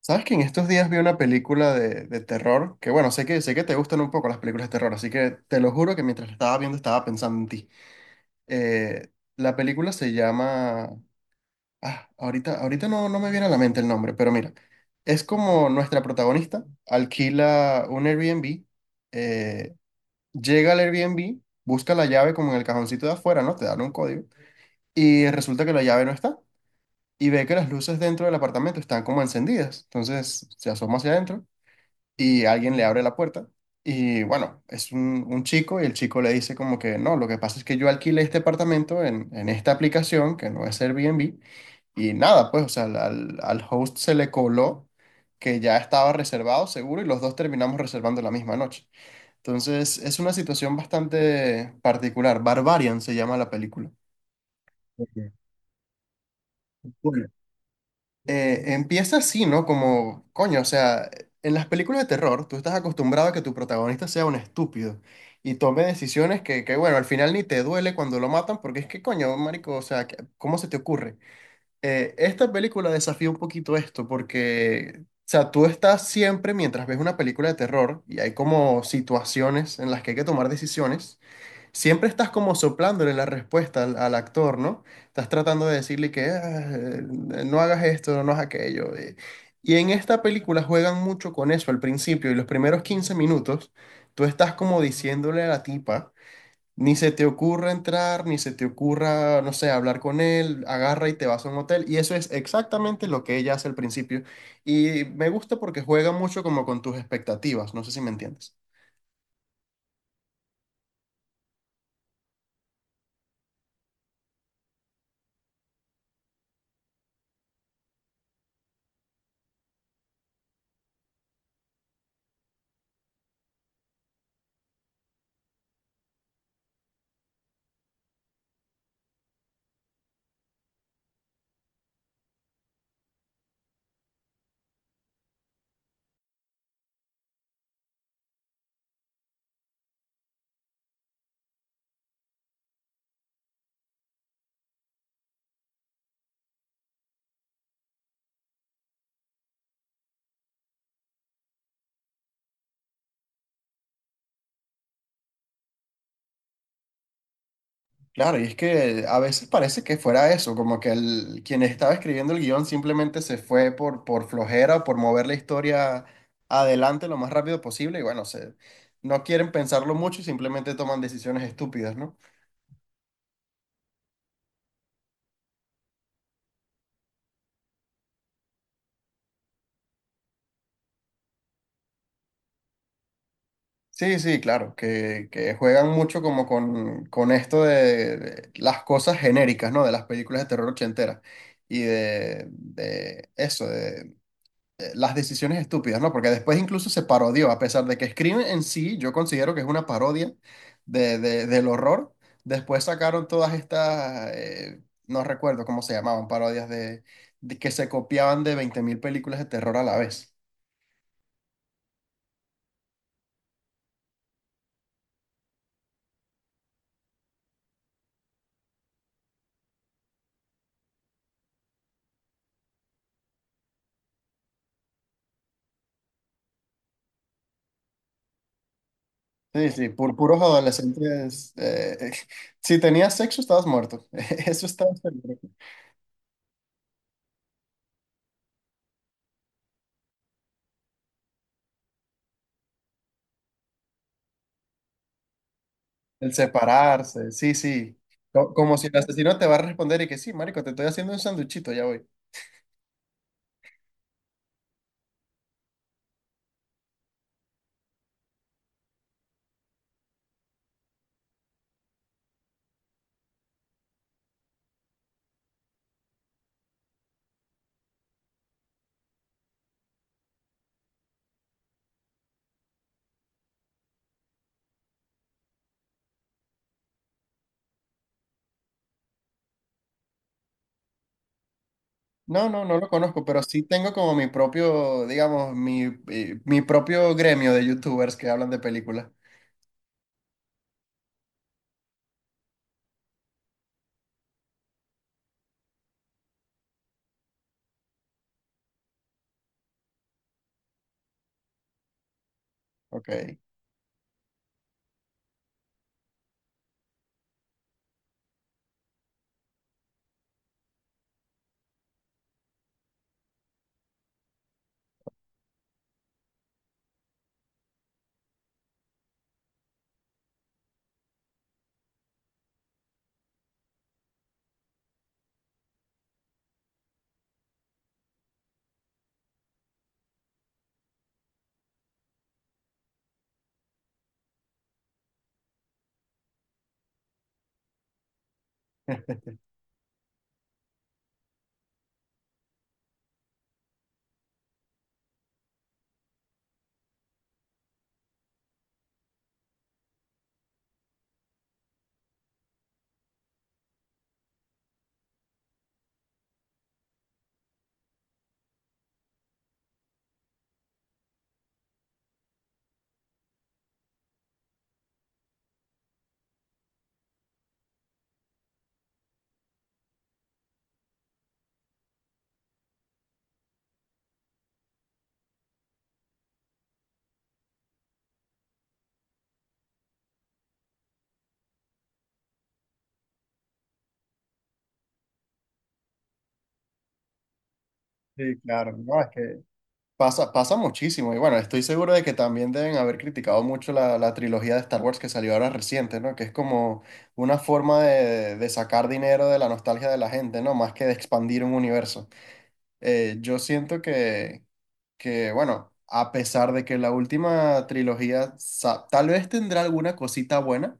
¿Sabes que en estos días vi una película de terror? Que bueno, sé que te gustan un poco las películas de terror, así que te lo juro que mientras la estaba viendo estaba pensando en ti. Eh, la película se llama... Ah, ahorita no me viene a la mente el nombre, pero mira, es como nuestra protagonista alquila un Airbnb. eh, Llega al Airbnb, busca la llave como en el cajoncito de afuera, ¿no? Te dan un código y resulta que la llave no está y ve que las luces dentro del apartamento están como encendidas, entonces se asoma hacia adentro y alguien le abre la puerta. Y bueno, es un chico y el chico le dice como que no, lo que pasa es que yo alquilé este apartamento en esta aplicación que no es Airbnb y nada, pues, o sea, al host se le coló que ya estaba reservado seguro y los dos terminamos reservando la misma noche. Entonces, es una situación bastante particular. Barbarian se llama la película. Ok. Bueno, empieza así, ¿no? Como, coño, o sea, en las películas de terror, tú estás acostumbrado a que tu protagonista sea un estúpido y tome decisiones bueno, al final ni te duele cuando lo matan, porque es que, coño, marico, o sea, ¿cómo se te ocurre? Esta película desafía un poquito esto, porque, o sea, tú estás siempre, mientras ves una película de terror, y hay como situaciones en las que hay que tomar decisiones. Siempre estás como soplándole la respuesta al actor, ¿no? Estás tratando de decirle que "Ah, no hagas esto, no hagas aquello. Y en esta película juegan mucho con eso al principio y los primeros 15 minutos, tú estás como diciéndole a la tipa, ni se te ocurra entrar, ni se te ocurra, no sé, hablar con él, agarra y te vas a un hotel. Y eso es exactamente lo que ella hace al principio. Y me gusta porque juega mucho como con tus expectativas, no sé si me entiendes. Claro, y es que a veces parece que fuera eso, como que quien estaba escribiendo el guión simplemente se fue por flojera o por mover la historia adelante lo más rápido posible y bueno, no quieren pensarlo mucho y simplemente toman decisiones estúpidas, ¿no? Sí, sí, claro, que juegan mucho como con esto de las cosas genéricas, ¿no? De las películas de terror ochenteras y de eso, las decisiones estúpidas, ¿no? Porque después incluso se parodió, a pesar de que Scream en sí, yo considero que es una parodia del horror. Después sacaron todas estas, no recuerdo cómo se llamaban, parodias de que se copiaban de 20.000 películas de terror a la vez. Sí, sí, por puros adolescentes. Si tenías sexo, estabas muerto. Eso estaba seguro. El separarse, sí, sí. Como si el asesino te va a responder y que sí, marico, te estoy haciendo un sanduchito, ya voy. No, no, no lo conozco, pero sí tengo como mi propio, digamos, mi propio gremio de youtubers que hablan de películas. Ok. Sí, claro. No, es que pasa, pasa muchísimo. Y bueno, estoy seguro de que también deben haber criticado mucho la trilogía de Star Wars que salió ahora reciente, ¿no? Que es como una forma de sacar dinero de la nostalgia de la gente, ¿no? Más que de expandir un universo. Yo siento que, bueno, a pesar de que la última trilogía tal vez tendrá alguna cosita buena.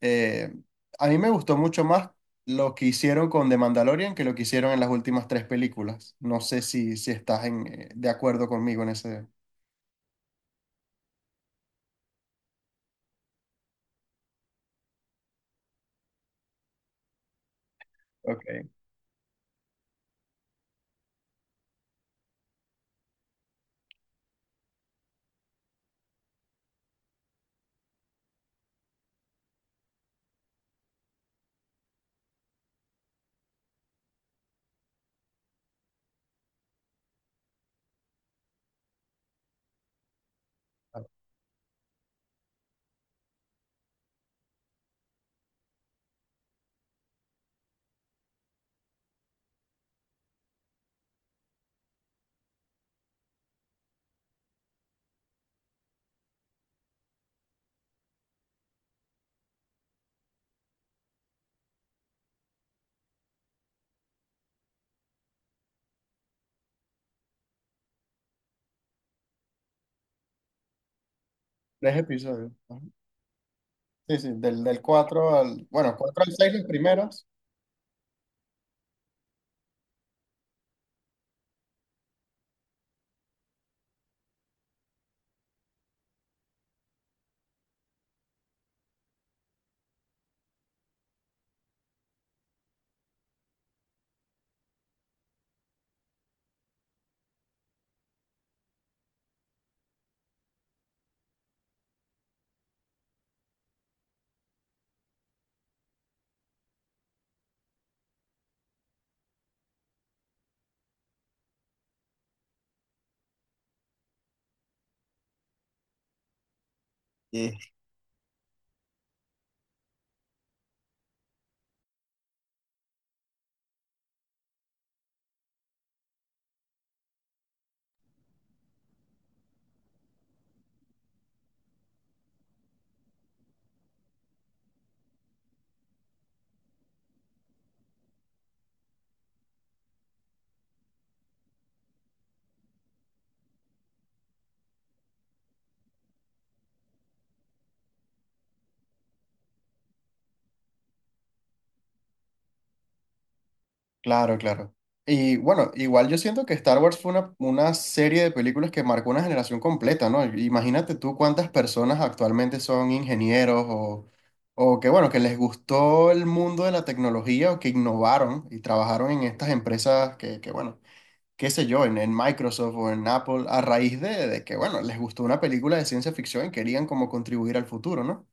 Eh, a mí me gustó mucho más lo que hicieron con The Mandalorian que lo que hicieron en las últimas tres películas. No sé si, si estás en, de acuerdo conmigo en ese... Ok. Tres episodios. Ajá. Sí, sí, del cuatro al... Bueno, 4 al 6 los primeros. Claro, claro. Y bueno, igual yo siento que Star Wars fue una serie de películas que marcó una generación completa, ¿no? Imagínate tú cuántas personas actualmente son ingenieros o que, bueno, que les gustó el mundo de la tecnología o que innovaron y trabajaron en estas empresas bueno, qué sé yo, en Microsoft o en Apple, a raíz de que, bueno, les gustó una película de ciencia ficción y querían como contribuir al futuro, ¿no?